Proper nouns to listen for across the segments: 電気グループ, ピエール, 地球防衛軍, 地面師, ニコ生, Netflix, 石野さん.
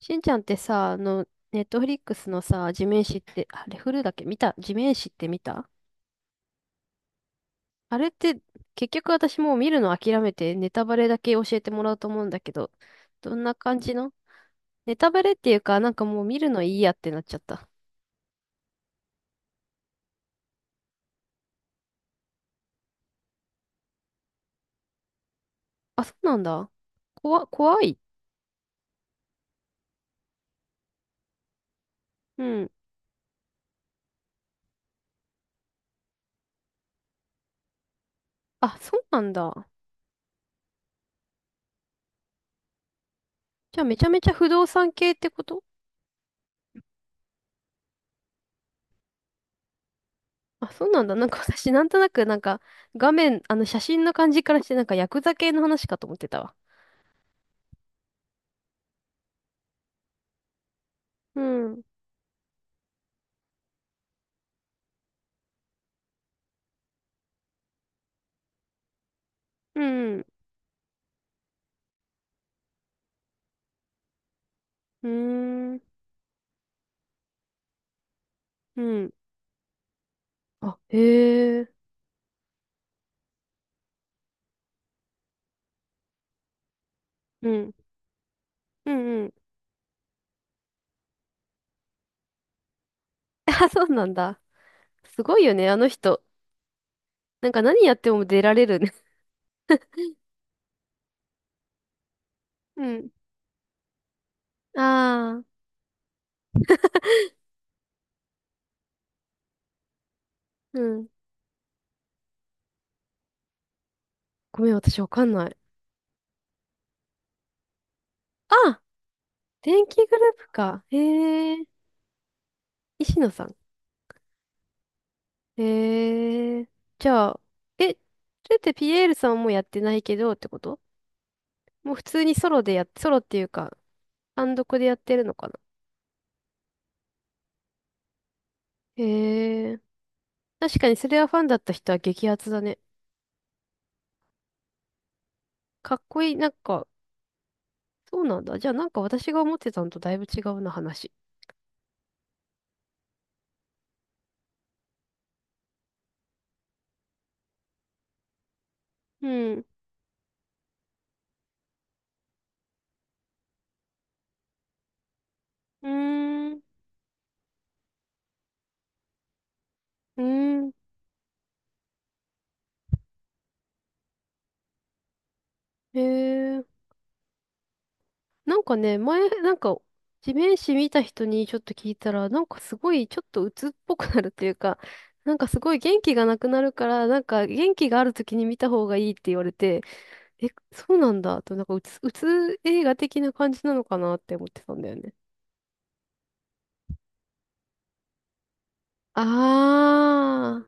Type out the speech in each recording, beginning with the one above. しんちゃんってさ、ネットフリックスのさ、地面師って、あれ、フルだっけ？見た？地面師って見た？あれって、結局私もう見るの諦めて、ネタバレだけ教えてもらおうと思うんだけど、どんな感じの？ネタバレっていうか、なんかもう見るのいいやってなっちゃった。あ、そうなんだ。怖い。うん。あ、そうなんだ。じゃあめちゃめちゃ不動産系ってこと？あ、そうなんだ。なんか私、なんとなく、なんか、画面、写真の感じからして、なんか、ヤクザ系の話かと思ってたわ。うん。うん。うーん、うん、あ、へえ。うん、うん、うん。あ、そうなんだ。すごいよね、あの人。なんか何やっても出られるね。うん。ああ、うん。ごめん、私わかんない。あ、電気グループか。へえ、石野さん。へえ、じゃあ、え、それってピエールさんもやってないけどってこと？もう普通にソロっていうか、単独でやってるのかな。へえ、確かにそれはファンだった人は激アツだね。かっこいい、なんか、そうなんだ。じゃあなんか私が思ってたのとだいぶ違うな、話。うん。うーん。うーん。へえ。なんかね、前、なんか、地面師見た人にちょっと聞いたら、なんかすごいちょっと鬱っぽくなるというか、なんかすごい元気がなくなるから、なんか元気がある時に見た方がいいって言われて、え、そうなんだと、なんか鬱映画的な感じなのかなって思ってたんだよね。あ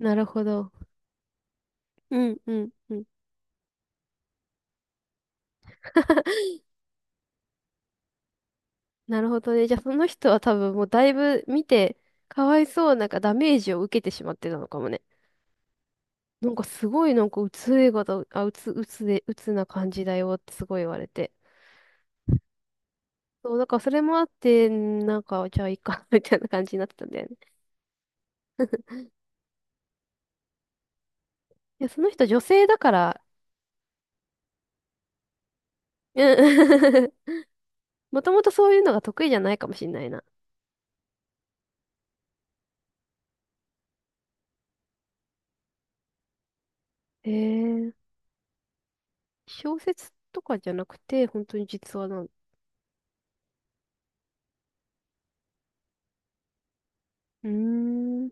ー、なるほど。うん、うん、うん。なるほどね。じゃあその人は多分もうだいぶ見て、かわいそうなんかダメージを受けてしまってたのかもね。なんかすごいなんかうつえがだ、あ、うつな感じだよってすごい言われて。そう、だからそれもあって、んなんかじゃあいいか みたいな感じになってたんだよね。いや、その人女性だから、うん もともとそういうのが得意じゃないかもしんないな。へえ、小説とかじゃなくて、本当に実話なの？うーん、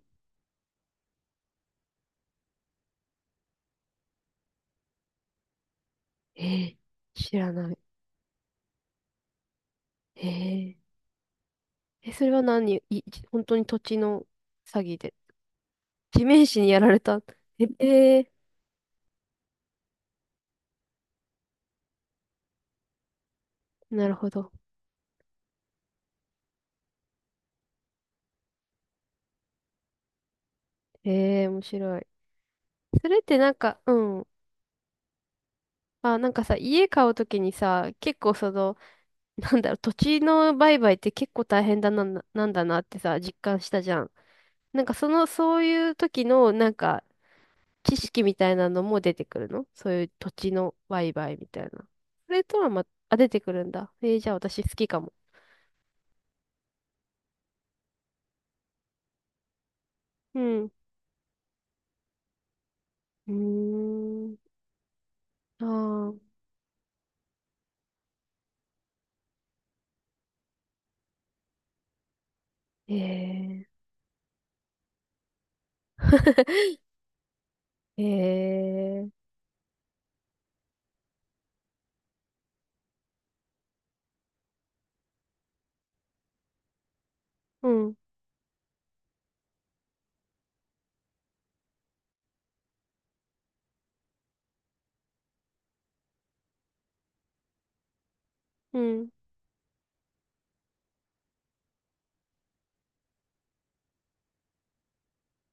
えー、知らない。へえ。え、それは何い、い本当に土地の詐欺で？地面師にやられた。え、えー、なるほど。ええー、面白い。それってなんか、うん。あ、なんかさ、家買うときにさ、結構その、なんだろう、土地の売買って結構大変だな、なんだなってさ、実感したじゃん。なんかその、そういう時の、なんか、知識みたいなのも出てくるの？そういう土地の売買みたいな。それとはま、あ、出てくるんだ。えー、じゃあ私好きかも。うん。うーん。ああ、えええ え、うん、うん、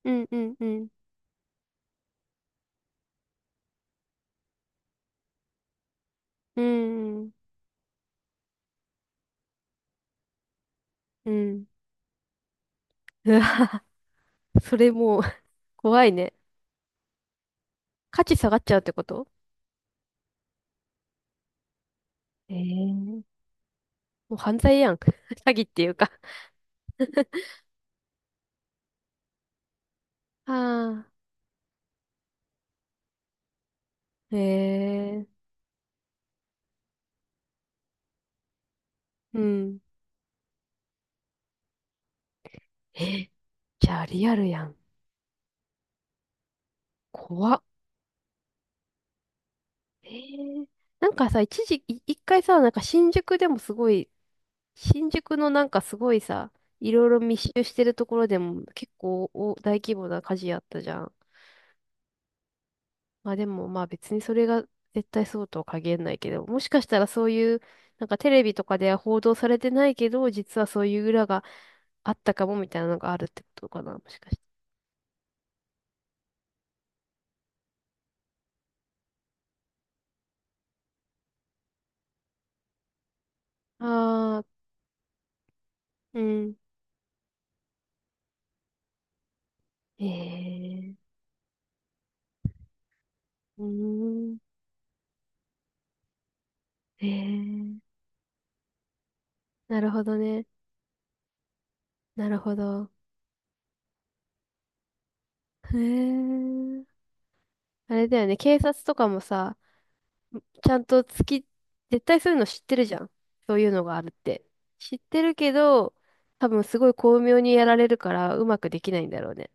うん、うん、うん、うん、うん。う わ、それもう 怖いね。価値下がっちゃうってこと？ええ、もう犯罪やん。詐欺っていうか。ああ、ええ、うん。え、じゃあリアルやん。怖っ。ええ、なんかさ、一時、い一回さ、なんか新宿でもすごい新宿のなんかすごいさ、いろいろ密集してるところでも結構お大規模な火事やったじゃん。まあでもまあ別にそれが絶対そうとは限らないけど、もしかしたらそういう、なんかテレビとかでは報道されてないけど、実はそういう裏があったかもみたいなのがあるってことかな、もしかして。ああ、うん。ええ、うーん。ええ、なるほどね。なるほど。へえ。あれだよね、警察とかもさ、ちゃんと月、絶対そういうの知ってるじゃん。そういうのがあるって。知ってるけど、多分すごい巧妙にやられるから、うまくできないんだろうね。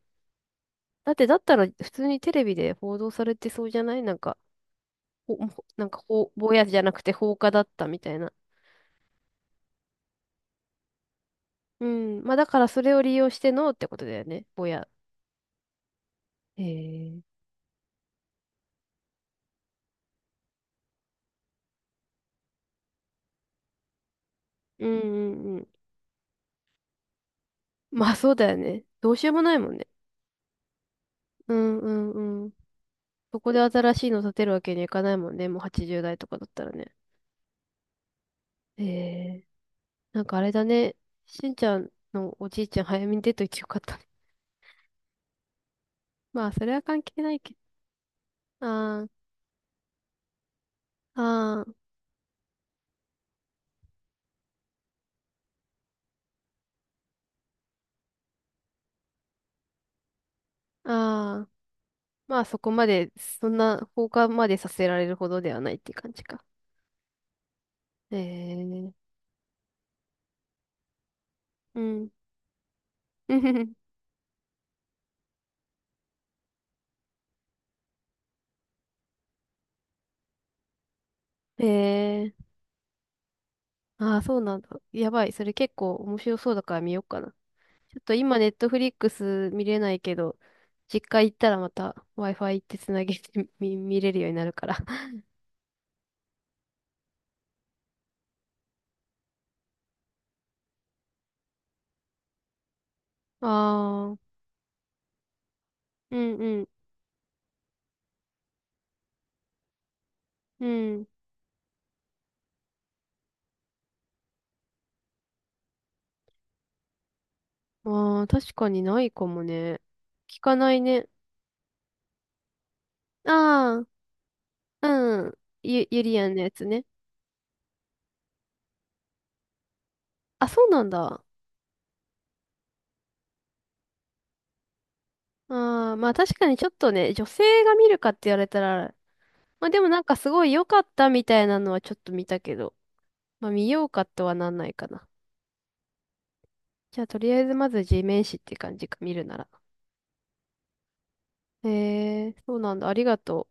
だって、だったら普通にテレビで報道されてそうじゃない？なんか、ほ、ほなんかほ、ぼやじゃなくて放火だったみたいな。うん。まあ、だからそれを利用してのってことだよね。ぼや。へえ。うん、うん、うん。まあそうだよね。どうしようもないもんね。うん、うん、うん。そこで新しいの建てるわけにはいかないもんね。もう80代とかだったらね。へえ。なんかあれだね。しんちゃんのおじいちゃん早めに出といてよかったね。まあ、それは関係ないけど。ああ、ああ、ああ。まあ、そこまで、そんな放火までさせられるほどではないっていう感じか。ええ、うん。ええ、ああ、そうなんだ。やばい。それ結構面白そうだから見ようかな。ちょっと今、ネットフリックス見れないけど、実家行ったらまた Wi-Fi 行ってつなげて 見れるようになるから。ああ、うん、うん、うん。ああ、確かにないかもね。聞かないね。ああ、うん。ゆりやんのやつね。あ、そうなんだ。ああ、まあ確かにちょっとね、女性が見るかって言われたら、まあでもなんかすごい良かったみたいなのはちょっと見たけど、まあ見ようかとはなんないかな。じゃあとりあえずまず G 面誌って感じか、見るなら。へえ、そうなんだ。ありがと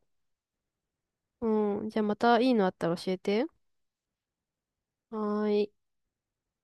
う。うん。じゃあまたいいのあったら教えて。はーい。